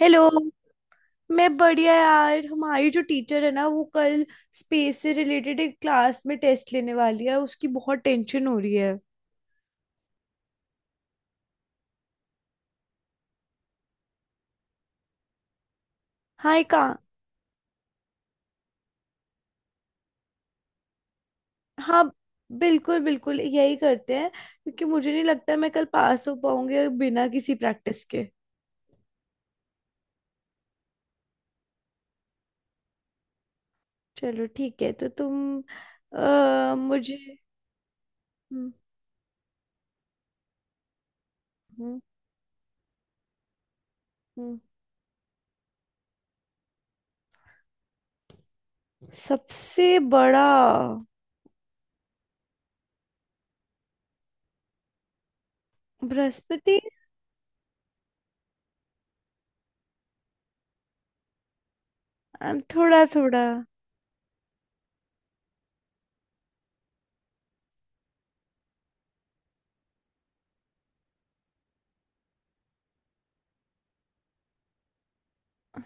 Hello. मैं बढ़िया यार। हमारी जो टीचर है ना वो कल स्पेस से रिलेटेड एक क्लास में टेस्ट लेने वाली है। उसकी बहुत टेंशन हो रही है। हाँ, एक का। हाँ, बिल्कुल बिल्कुल, यही करते हैं क्योंकि मुझे नहीं लगता मैं कल पास हो पाऊंगी बिना किसी प्रैक्टिस के। चलो, ठीक है। तो तुम मुझे। हम्म। हम्म। हम्म। सबसे बड़ा। बृहस्पति। थोड़ा थोड़ा।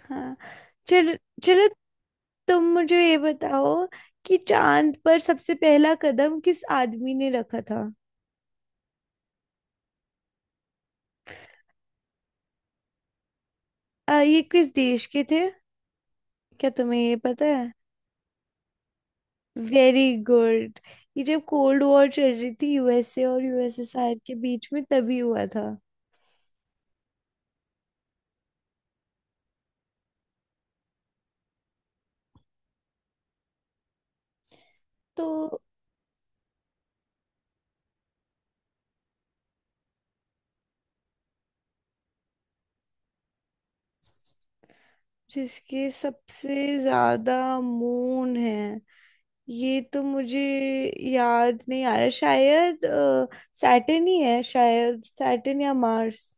हाँ। चलो चलो, तुम मुझे ये बताओ कि चांद पर सबसे पहला कदम किस आदमी ने रखा था। ये किस देश के थे? क्या तुम्हें ये पता है? Very good. ये जब कोल्ड वॉर चल रही थी यूएसए और यूएसएसआर के बीच में तभी हुआ था। तो जिसके सबसे ज्यादा मून है, ये तो मुझे याद नहीं आ रहा शायद। सैटर्न ही है शायद, सैटर्न या मार्स।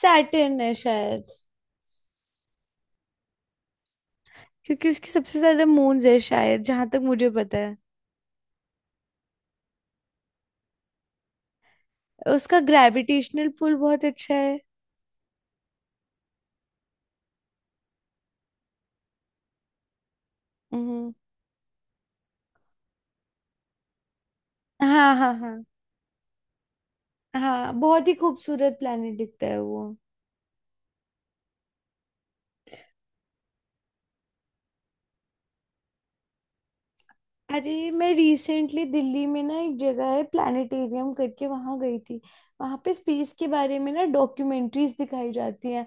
सैटर्न है शायद। क्योंकि उसकी सबसे ज्यादा मून्स है शायद, जहां तक मुझे पता है। उसका ग्रेविटेशनल पुल बहुत अच्छा है। हम्म। हाँ हाँ हाँ। हाँ, बहुत ही खूबसूरत प्लेनेट दिखता है वो। अरे, मैं रिसेंटली दिल्ली में ना एक जगह है प्लानिटेरियम करके, वहां गई थी। वहां पे स्पेस के बारे में ना डॉक्यूमेंट्रीज दिखाई जाती हैं।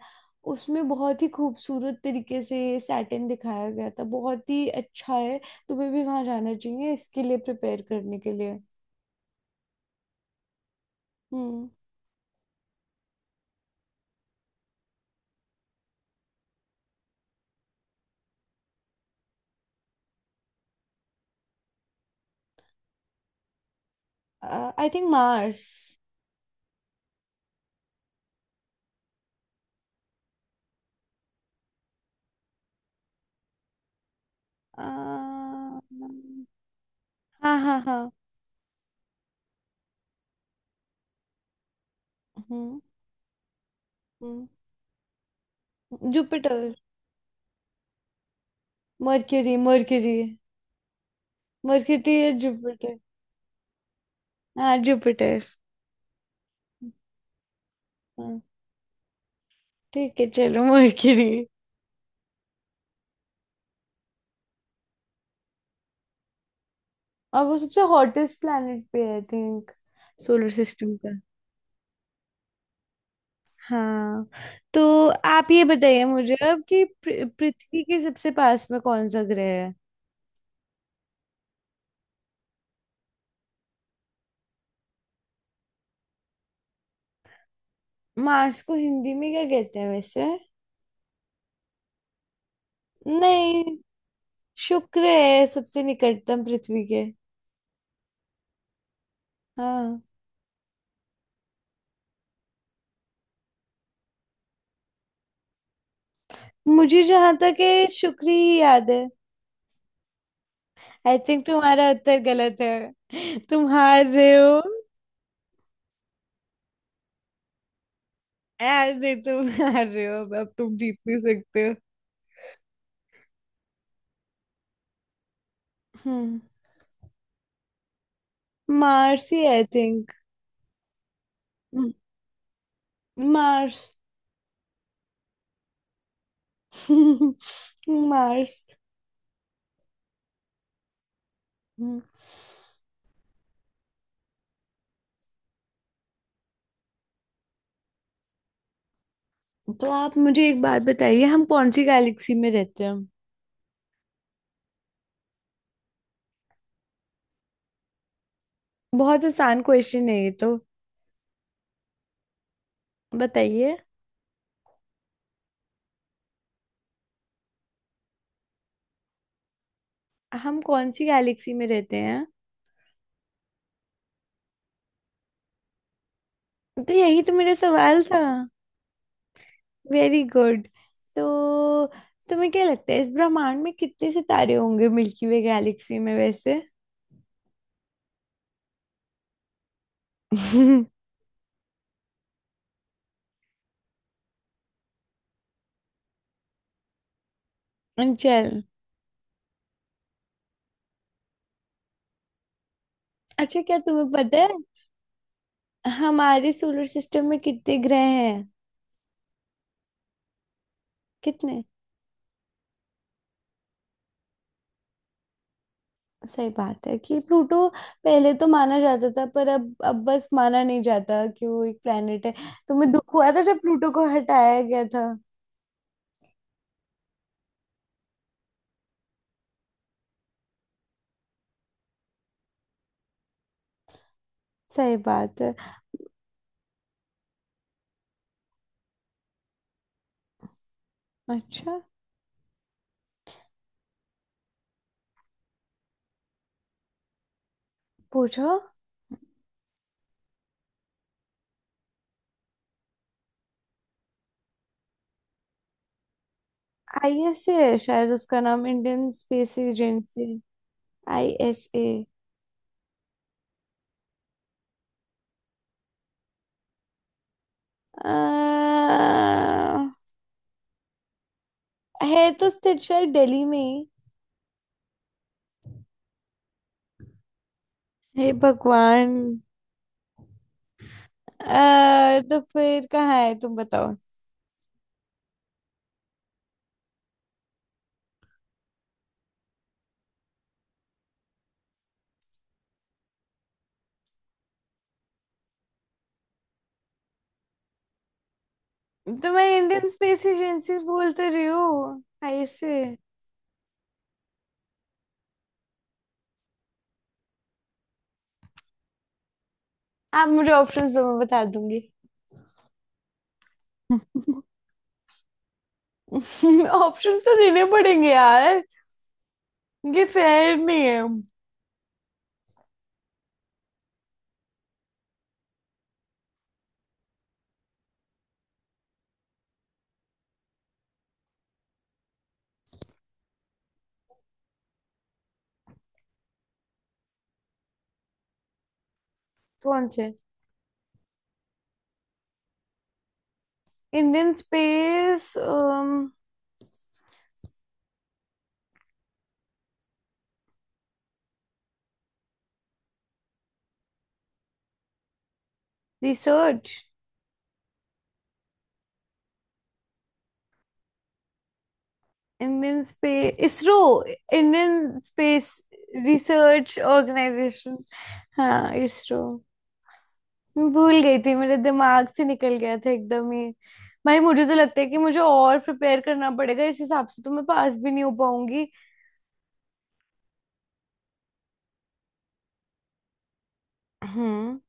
उसमें बहुत ही खूबसूरत तरीके से सैटर्न दिखाया गया था। बहुत ही अच्छा है। तुम्हें भी वहां जाना चाहिए इसके लिए प्रिपेयर करने के लिए। हम्म। I think Mars. हाँ हाँ। हाँ। हम्म। हम्म। जुपिटर। Mercury Mercury. मर्क्यूरी या जुपिटर। हाँ, जुपिटर। हाँ। ठीक है, चलो मर्क्यूरी। और वो सबसे हॉटेस्ट प्लैनेट पे है आई थिंक। सोलर सिस्टम का। हाँ। तो आप ये बताइए मुझे अब कि पृथ्वी के सबसे पास में कौन सा ग्रह है? मार्स को हिंदी में क्या कहते हैं वैसे? नहीं। शुक्र है सबसे निकटतम पृथ्वी के। हाँ। मुझे जहां तक है, शुक्र ही याद है। आई थिंक तुम्हारा उत्तर गलत है, तुम हार रहे हो। अरे, तुम हार रहे हो, अब तुम जीत नहीं सकते हो। हम्म। मार्स ही, आई थिंक। मार्स। मार्स। हम्म। तो आप मुझे एक बात बताइए, हम कौन सी गैलेक्सी में रहते हैं? बहुत आसान क्वेश्चन है ये तो। बताइए। हम कौन सी गैलेक्सी में रहते हैं? तो यही तो मेरा सवाल था। Very good. तो तुम्हें क्या लगता है इस ब्रह्मांड में कितने सितारे होंगे मिल्की वे गैलेक्सी में वैसे? चल। अच्छा, क्या तुम्हें पता है हमारे सोलर सिस्टम में कितने ग्रह हैं? कितने? सही बात है कि प्लूटो पहले तो माना जाता था, पर अब बस माना नहीं जाता कि वो एक प्लेनेट है। तुम्हें दुख हुआ था जब प्लूटो को हटाया गया था? सही बात है। अच्छा। पूछो। आईएसए है शायद उसका नाम, इंडियन स्पेस एजेंसी। आईएसए। है, तो स्थित शायद दिल्ली में ही। हे भगवान। तो फिर कहाँ है, तुम बताओ। तो मैं इंडियन स्पेस एजेंसी बोल तो रही हूँ, आईएसए। आप मुझे ऑप्शंस दो, मैं बता दूंगी। ऑप्शंस तो देने पड़ेंगे यार। ये फेयर नहीं है। कौन से? Indian space. Research. Indian space ISRO. Indian space research organisation. हाँ, इसरो। मैं भूल गई थी, मेरे दिमाग से निकल गया था एकदम ही। भाई, मुझे तो लगता है कि मुझे और प्रिपेयर करना पड़ेगा। इस हिसाब से तो मैं पास भी नहीं हो पाऊंगी। हम्म।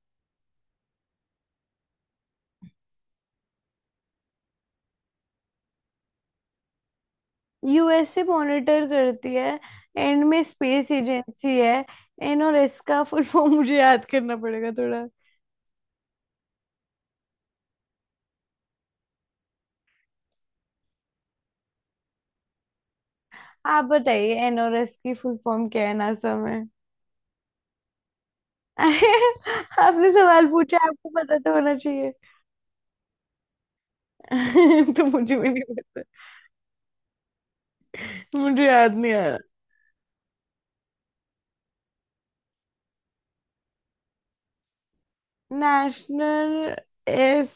यूएसए मॉनिटर करती है। एंड में स्पेस एजेंसी है। एनओएस का फुल फॉर्म मुझे याद करना पड़ेगा थोड़ा। आप बताइए एनओएस की फुल फॉर्म क्या है, नासा? अरे। आपने सवाल पूछा, आपको पता तो होना चाहिए। तो मुझे भी नहीं पता। मुझे याद नहीं आ रहा। नेशनल। एस।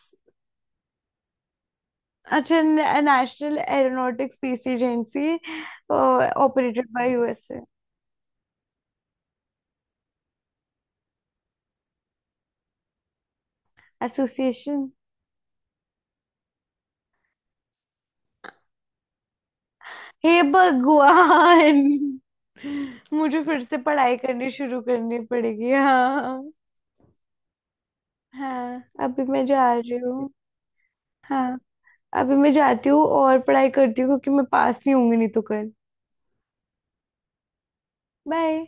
अच्छा। National aeronautics space agency. Operated by USA. Association. हे भगवान। मुझे फिर से पढ़ाई करनी शुरू करनी पड़ेगी, हाँ। हाँ, अभी मैं जा रही हूँ। हाँ। अभी मैं जाती हूँ और पढ़ाई करती हूँ क्योंकि मैं पास नहीं होंगी नहीं तो कल। बाय।